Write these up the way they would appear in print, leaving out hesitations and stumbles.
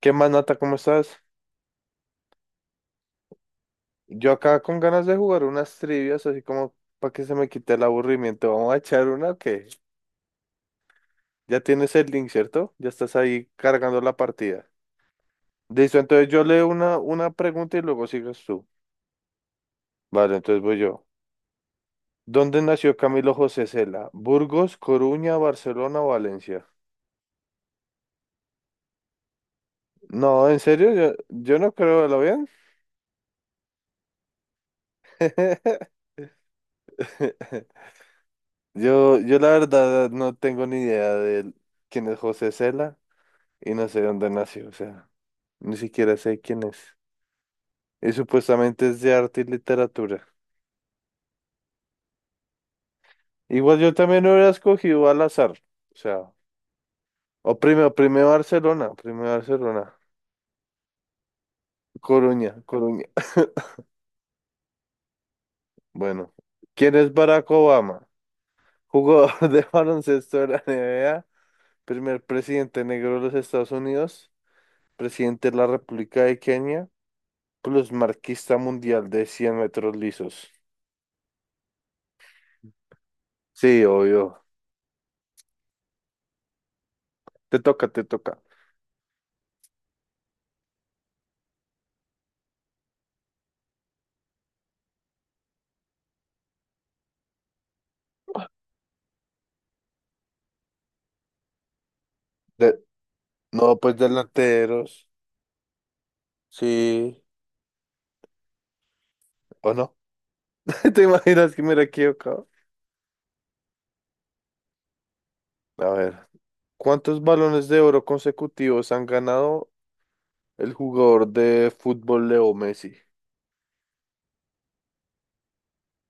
¿Qué más, Nata? ¿Cómo estás? Yo acá con ganas de jugar unas trivias, así como para que se me quite el aburrimiento. Vamos a echar una que ya tienes el link, ¿cierto? Ya estás ahí cargando la partida. Listo, entonces yo leo una pregunta y luego sigues tú. Vale, entonces voy yo. ¿Dónde nació Camilo José Cela? ¿Burgos, Coruña, Barcelona o Valencia? No, en serio, yo no creo, ¿lo vean? Yo la verdad no tengo ni idea de quién es José Cela y no sé dónde nació, o sea. Ni siquiera sé quién es. Y supuestamente es de arte y literatura. Igual yo también hubiera escogido al azar. O sea, o primero Barcelona, primero Barcelona. Coruña, Coruña. Bueno, ¿quién es Barack Obama? Jugador de baloncesto de la NBA, primer presidente negro de los Estados Unidos, presidente de la República de Kenia, plus marquista mundial de 100 metros lisos. Sí, obvio. Te toca, te toca. De- no, pues delanteros. Sí. ¿O no? ¿Te imaginas que me la he equivocado? A ver, ¿cuántos balones de oro consecutivos han ganado el jugador de fútbol Leo Messi?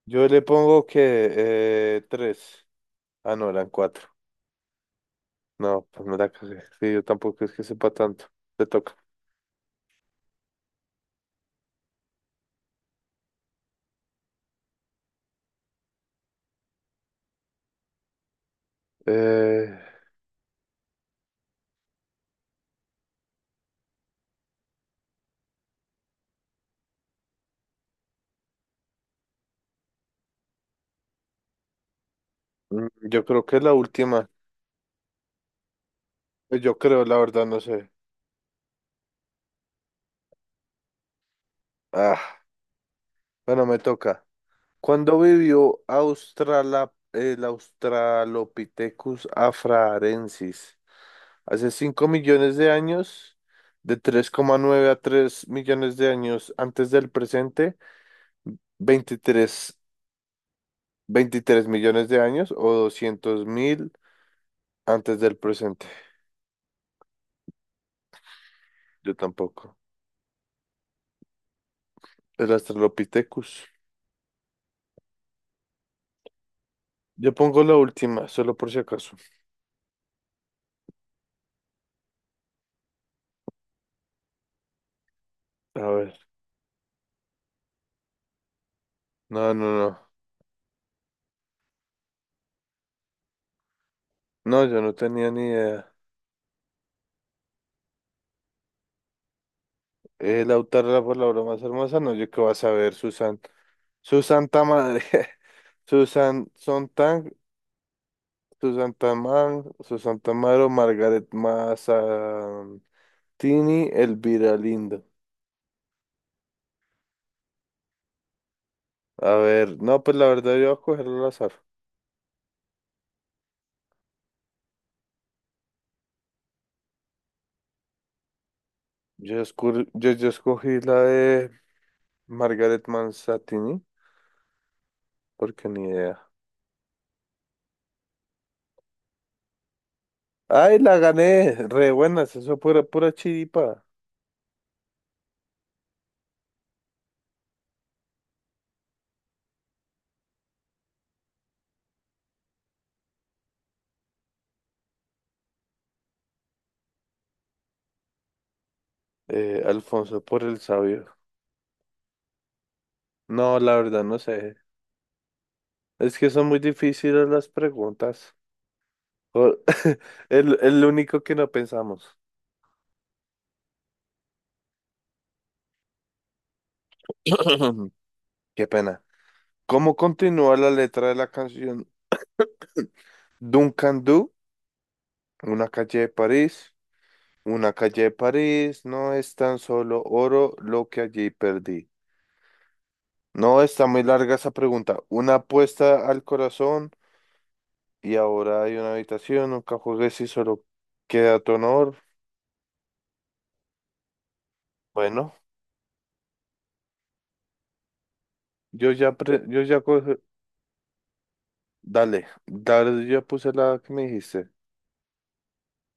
Yo le pongo que tres. Ah, no, eran cuatro. No, pues me la cagué. Sí, yo tampoco es que sepa tanto. Te toca. Eh, yo creo que es la última. Pues yo creo, la verdad, no sé. Ah, bueno, me toca. ¿Cuándo vivió Australa, el Australopithecus afrarensis? Hace 5 millones de años, de 3,9 a 3 millones de años antes del presente, 23 23 millones de años o 200.000 antes del presente. Yo tampoco. El Australopithecus. Yo pongo la última, solo por si acaso. A ver. No, no, no. No, yo no tenía ni idea. El autor de la palabra más hermosa, no, yo qué vas a ver, Susan. Su santa madre. Susan Sontag Susantamar, Susantamaro, Margaret Mazzantini, Elvira Lindo. A ver, no, pues la verdad yo voy a cogerlo al azar. Yo escogí la de Margaret Mazzantini, porque ni idea. ¡Ay, la gané! Re buenas, eso fue pura, pura chiripa. Alfonso por el sabio. No, la verdad no sé. Es que son muy difíciles las preguntas. O- el único que no pensamos. Qué pena. ¿Cómo continúa la letra de la canción Duncan Du? Una calle de París. Una calle de París no es tan solo oro lo que allí perdí. No, está muy larga esa pregunta. Una apuesta al corazón y ahora hay una habitación. Nunca juegues y solo queda tu honor. Bueno, yo ya, pre- yo ya coge- Dale, dale, yo ya puse la que me dijiste.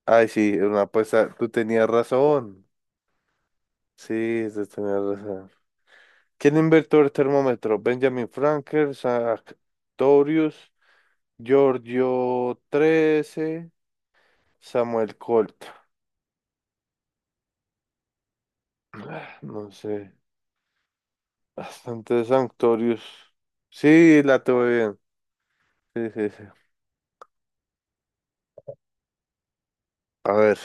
Ay, sí, era una apuesta. Tú tenías razón. Sí, tú tenías razón. ¿Quién inventó el termómetro? Benjamin Franklin, Sartorius, Giorgio XIII, Samuel Colt. Ah, no sé, bastante Sartorius. Sí, la tuve bien. Sí, sí, sí. A ver,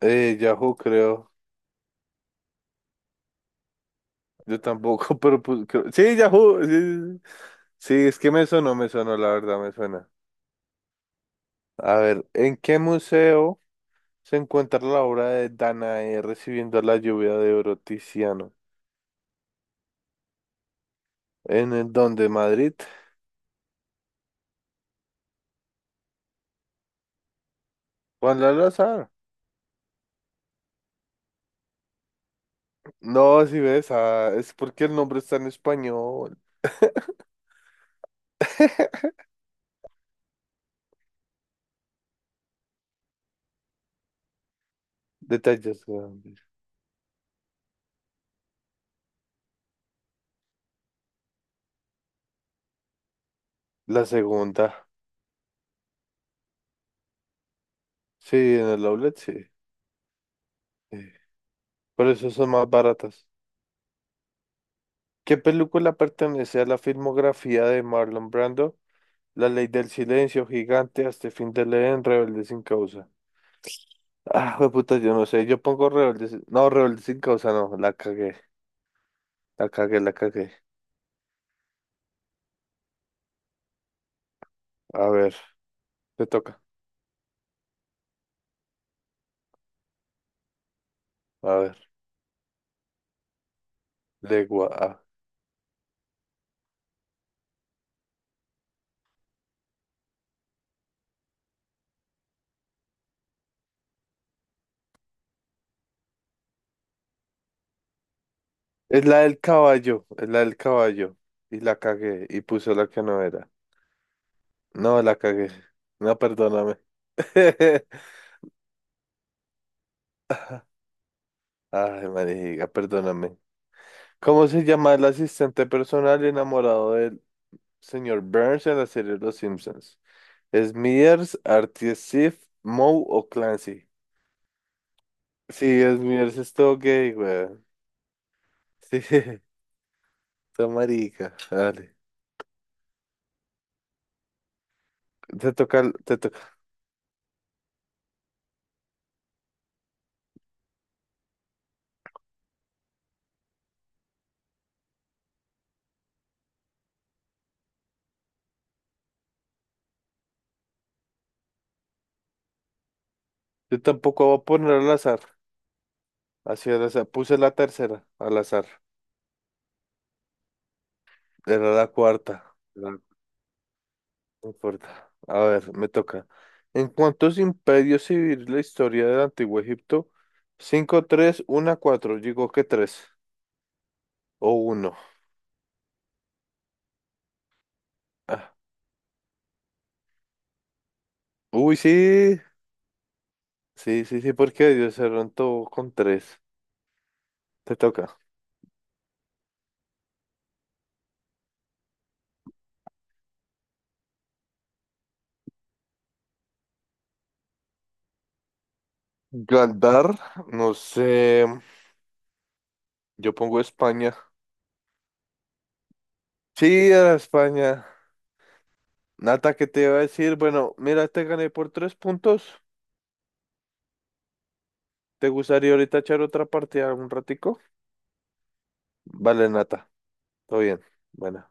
Yahoo creo. Yo tampoco, pero pues, sí, Yahoo. Sí, sí, sí. Sí, es que me sonó, la verdad, me suena. A ver, ¿en qué museo se encuentra la obra de Danae recibiendo la lluvia de Oro Tiziano? ¿En el donde Madrid? Juan Lalazar. No, si ves, ah, es porque el nombre está en español. Detalles grandes. La segunda. Sí, en el outlet, sí. Sí. Por eso son más baratas. ¿Qué película pertenece a la filmografía de Marlon Brando? La ley del silencio, gigante, hasta el fin de leer, Rebelde sin causa. Ah, puta, yo no sé. Yo pongo Rebelde sin. No, Rebelde sin causa, no. La cagué. La cagué, la cagué. A ver, te toca. A ver, legua. Es la del caballo, es la del caballo. Y la cagué y puso la que no era. No, la cagué. No, perdóname. Ay, marica, perdóname. ¿Cómo se llama el asistente personal enamorado del señor Burns en la serie Los Simpsons? ¿Smithers, Artie, Sif, Moe o Clancy? Sí, Smithers es todo gay, weón. Sí, está marica. Dale. Te toca, te toca. Yo tampoco voy a poner al azar. Así al azar. Puse la tercera al azar. Era la cuarta. ¿Verdad? No importa. A ver, me toca. ¿En cuántos imperios se divide la historia del Antiguo Egipto? Cinco tres uno cuatro. Digo que 3 o 1. Uy, sí. Sí, sí, sí, porque ¿Dios se todo con 3? Te toca. Galdar, no sé. Yo pongo España. Sí, era España. Nata, ¿qué te iba a decir? Bueno, mira, te gané por 3 puntos. ¿Te gustaría ahorita echar otra partida un ratico? Vale, Nata. Todo bien. Bueno,